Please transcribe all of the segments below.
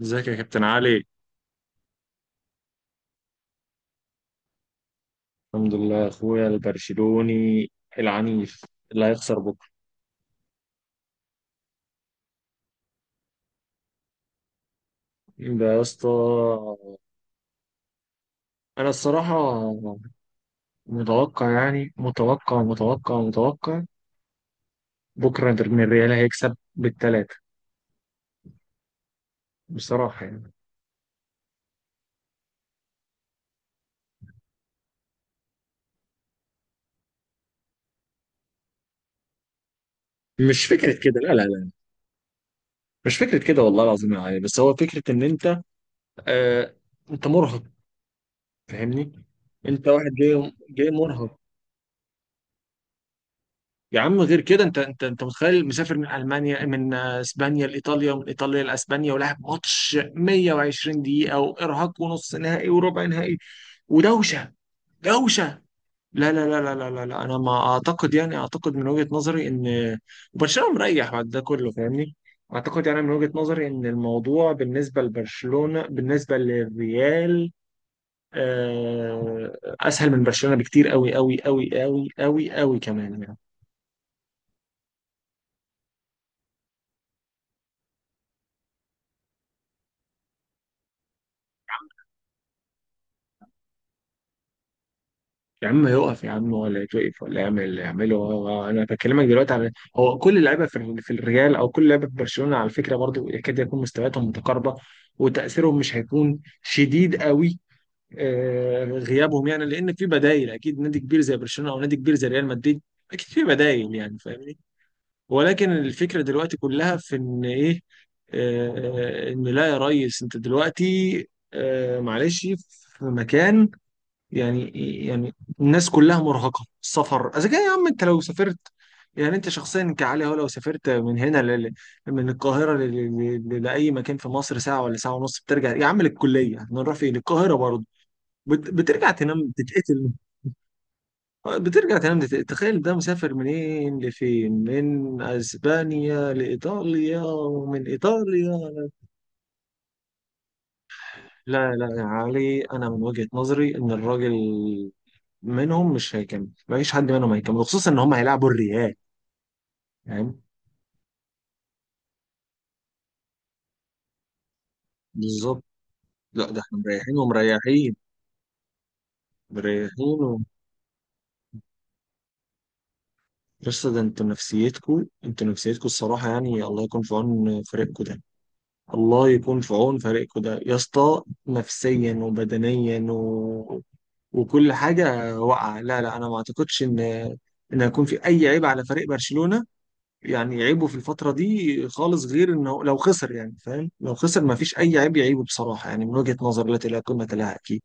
ازيك يا كابتن علي؟ الحمد لله يا اخويا البرشلوني العنيف اللي هيخسر بكره. ده يا اسطى. انا الصراحه متوقع، يعني متوقع متوقع متوقع، بكره انتر من الريال هيكسب بالثلاثه، بصراحه يعني. مش فكره كده، لا لا لا. مش فكره كده والله العظيم يا علي، بس هو فكره ان انت آه انت مرهق، فاهمني؟ انت واحد جاي جاي مرهق يا عم، غير كده انت متخيل مسافر من المانيا من اسبانيا لايطاليا، ومن ايطاليا لاسبانيا، ولعب ماتش 120 دقيقه، وارهاق، ونص نهائي وربع نهائي، ودوشه دوشه. لا لا لا لا لا لا لا. انا ما اعتقد، يعني اعتقد من وجهه نظري ان برشلونه مريح بعد ده كله، فاهمني؟ اعتقد يعني من وجهه نظري ان الموضوع بالنسبه لبرشلونه بالنسبه للريال اسهل من برشلونه بكتير، قوي قوي قوي قوي قوي قوي كمان. يا عم يقف، يا عم ولا يتوقف ولا يعمل اللي يعمله. انا بكلمك دلوقتي على، هو كل اللعيبه في الريال او كل لعيبه في برشلونه، على فكره برضو يكاد يكون مستوياتهم متقاربه، وتاثيرهم مش هيكون شديد قوي. غيابهم يعني، لان في بدايل اكيد، نادي كبير زي برشلونه او نادي كبير زي ريال مدريد، اكيد في بدايل، يعني فاهمني؟ ولكن الفكره دلوقتي كلها في ان ايه، ان لا يا ريس، انت دلوقتي معلش، في مكان، يعني، يعني، الناس كلها مرهقة السفر. اذا كان يا عم انت لو سافرت، يعني انت شخصيا كعلي، هو لو سافرت من هنا من القاهرة لأي مكان في مصر ساعة ولا ساعة ونص، بترجع يا عم للكلية، احنا نروح فين، القاهرة برضه. بترجع تنام تتقتل، بترجع تنام تتقتل، تخيل ده مسافر منين لفين، من اسبانيا لإيطاليا، ومن إيطاليا. لا لا يا علي، انا من وجهة نظري ان الراجل منهم مش هيكمل، مفيش حد منهم هيكمل، خصوصا ان هم هيلعبوا الريال فاهم، بالظبط. لا ده احنا مريحين ومريحين مريحين و... بس ده انتوا نفسيتكوا، انتوا نفسيتكوا الصراحة، يعني الله يكون في عون فريقكوا ده، الله يكون في عون فريقكوا ده يا اسطى، نفسيا وبدنيا وكل حاجة واقعة. لا لا، انا ما اعتقدش ان هيكون في اي عيب على فريق برشلونة، يعني عيبه في الفترة دي خالص، غير انه لو خسر، يعني فاهم، لو خسر ما فيش اي عيب يعيبه بصراحة، يعني من وجهة نظر التي لا تلا قيمة لها اكيد.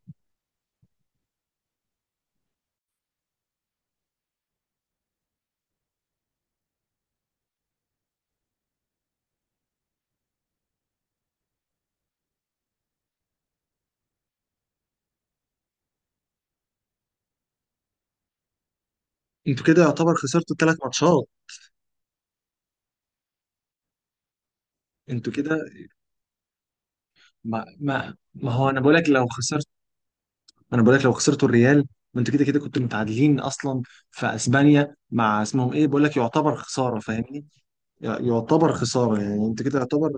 انتوا كده يعتبر خسرتوا ثلاث ماتشات، انتوا كده ما ما ما هو انا بقولك لو خسرت، انا بقولك لو خسرتوا الريال، ما انتوا كده كده كنتوا متعادلين اصلا في اسبانيا مع اسمهم ايه، بقولك يعتبر خساره فاهمني، يعتبر خساره، يعني انت كده يعتبر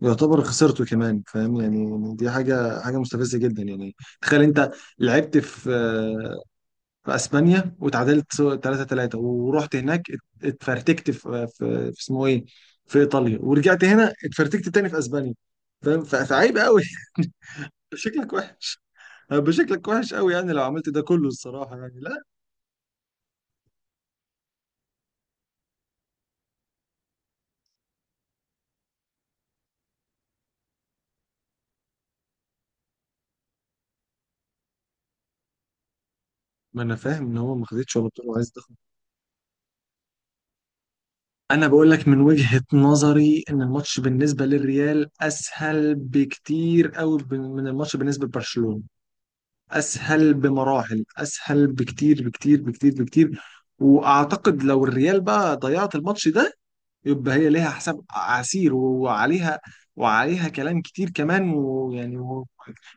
خسرته كمان فاهم، يعني دي حاجه حاجه مستفزه جدا يعني. تخيل انت لعبت في اسبانيا وتعادلت 3-3، ورحت هناك اتفرتكت في اسمه ايه، في ايطاليا، ورجعت هنا اتفرتكت تاني في اسبانيا، فاهم، فعيب قوي. شكلك وحش، هيبقى شكلك وحش قوي، يعني لو عملت ده كله الصراحه يعني، لا. ما انا فاهم ان هو ما خدتش ولا بطوله وعايز تاخد. انا بقول لك من وجهه نظري ان الماتش بالنسبه للريال اسهل بكتير قوي من الماتش بالنسبه لبرشلونه، اسهل بمراحل، اسهل بكتير بكتير بكتير بكتير. واعتقد لو الريال بقى ضيعت الماتش ده، يبقى هي ليها حساب عسير، وعليها كلام كتير كمان، ويعني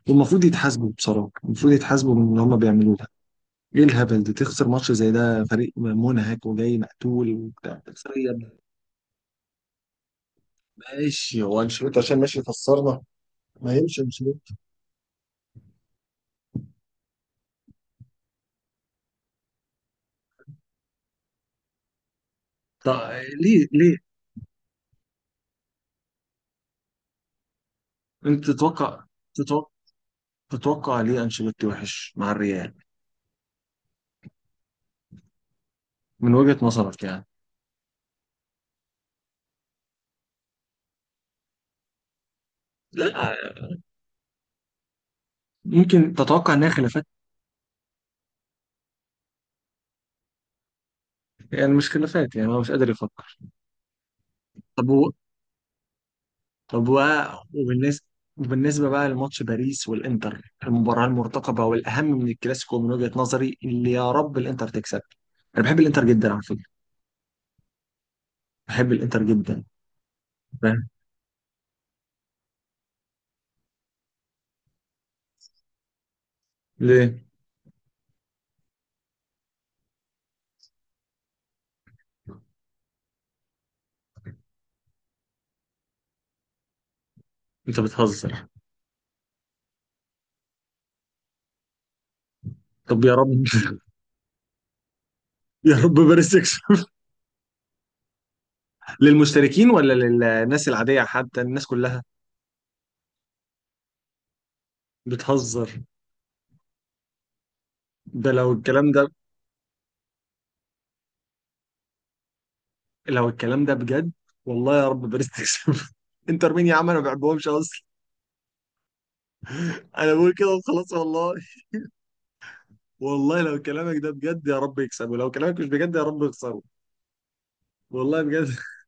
والمفروض يتحاسبوا بصراحة، المفروض يتحاسبوا من اللي هم بيعملوه ده. ايه الهبل ده، تخسر ماتش زي ده، فريق منهك وجاي مقتول وبتاع، تخسر يا ابني؟ ماشي، هو انشيلوتي عشان ماشي يخسرنا؟ ما يمشي انشيلوتي. طب ليه ليه، انت تتوقع، تتوقع، تتوقع ليه انشيلوتي وحش مع الريال، من وجهة نظرك يعني؟ لا ممكن تتوقع انها خلافات؟ يعني مش خلافات، يعني هو مش قادر يفكر. طب طب وبالنسبه بقى لماتش باريس والانتر، المباراه المرتقبه والاهم من الكلاسيكو من وجهة نظري، اللي يا رب الانتر تكسب. انا بحب الانتر جدا على فكره، بحب الانتر جدا. فاهم ليه؟ انت بتهزر؟ طب يا رب يا رب باريس تكسب. للمشتركين ولا للناس العاديه؟ حتى الناس كلها؟ بتهزر. ده لو الكلام ده، لو الكلام ده بجد، والله يا رب باريس تكسب. انتر مين يا عم؟ انا ما بحبهمش اصلا. انا بقول كده وخلاص والله، والله لو كلامك ده بجد يا رب يكسب، ولو كلامك مش بجد يا رب يخسره، والله بجد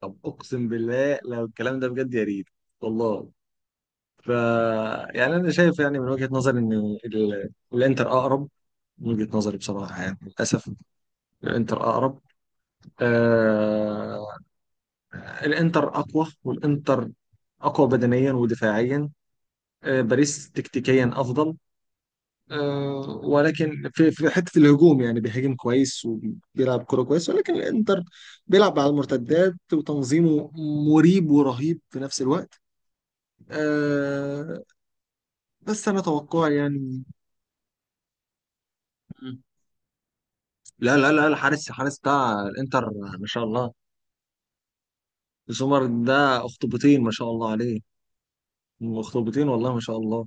طب اقسم بالله لو الكلام ده بجد يا ريت، والله. ف يعني انا شايف، يعني من وجهة نظري ان الانتر اقرب، من وجهة نظري بصراحة يعني للاسف الانتر اقرب. آه... الانتر اقوى، والانتر اقوى بدنيا ودفاعيا. باريس تكتيكيا افضل، ولكن في حته الهجوم يعني بيهاجم كويس وبيلعب كوره كويس، ولكن الانتر بيلعب على المرتدات وتنظيمه مريب ورهيب في نفس الوقت، آه، بس انا توقع يعني. مم. لا لا لا، الحارس بتاع الانتر ما شاء الله، سومر ده اخطبوطين ما شاء الله عليه، اخطبوطين والله ما شاء الله.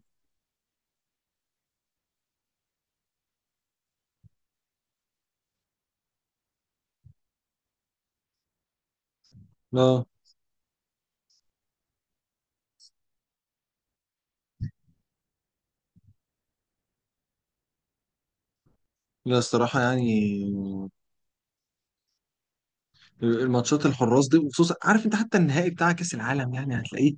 لا لا، الصراحة يعني الماتشات الحراس دي، وخصوصا عارف انت، حتى النهائي بتاع كأس العالم يعني هتلاقيه،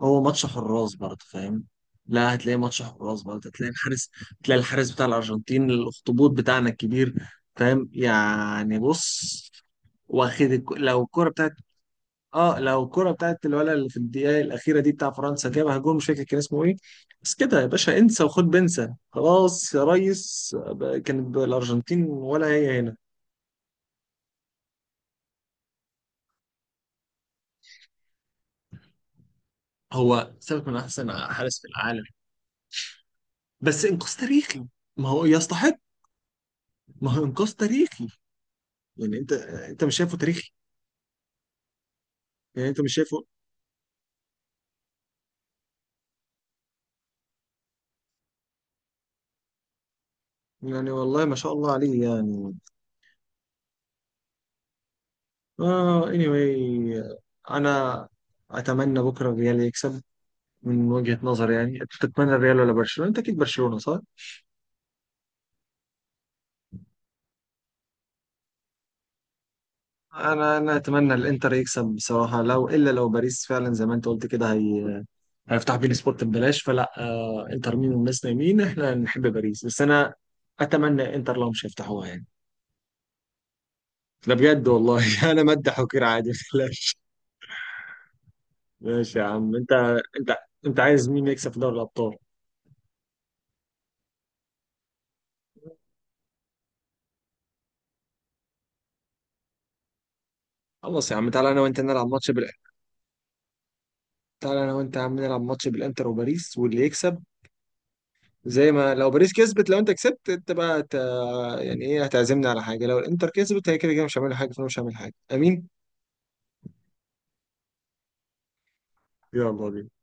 هو ماتش حراس برضه فاهم، لا هتلاقي ماتش حراس برضه، هتلاقي الحارس، هتلاقي الحارس بتاع الأرجنتين، الأخطبوط بتاعنا الكبير. فاهم يعني، بص، واخد لو الكرة بتاعت، اه لو الكرة بتاعت الولد اللي في الدقيقة الأخيرة دي بتاع فرنسا جابها جول، مش فاكر كان اسمه ايه. بس كده يا باشا انسى، وخد بنسى خلاص يا ريس، كانت الأرجنتين ولا هي هنا. هو سابق من أحسن حارس في العالم، بس إنقاذ تاريخي، ما هو يستحق، ما هو إنقاذ تاريخي. يعني انت مش شايفه تاريخي؟ يعني انت مش شايفه؟ يعني والله ما شاء الله عليه يعني. اه anyway، انا اتمنى بكره الريال يكسب، من وجهة نظري يعني. انت تتمنى الريال ولا برشلونة؟ انت اكيد برشلونة، صح؟ انا اتمنى الانتر يكسب بصراحة، لو لو باريس فعلا زي ما انت قلت كده، هي هيفتح بين سبورت ببلاش، فلا آه انتر مين، والناس نايمين، احنا نحب باريس، بس انا اتمنى انتر لو مش هيفتحوها يعني. لا بجد والله انا مدح وكير عادي، لا. ماشي يا عم، انت انت عايز مين يكسب في دوري الابطال؟ خلاص يا عم، تعالى انا وانت نلعب ماتش تعالى انا وانت يا عم نلعب ماتش بالانتر وباريس، واللي يكسب، زي ما لو باريس كسبت، لو انت كسبت انت بقى يعني ايه، هتعزمني على حاجه؟ لو الانتر كسبت هي كده كده مش هعمل حاجه، فانا مش هعمل حاجه، امين. يلا بينا.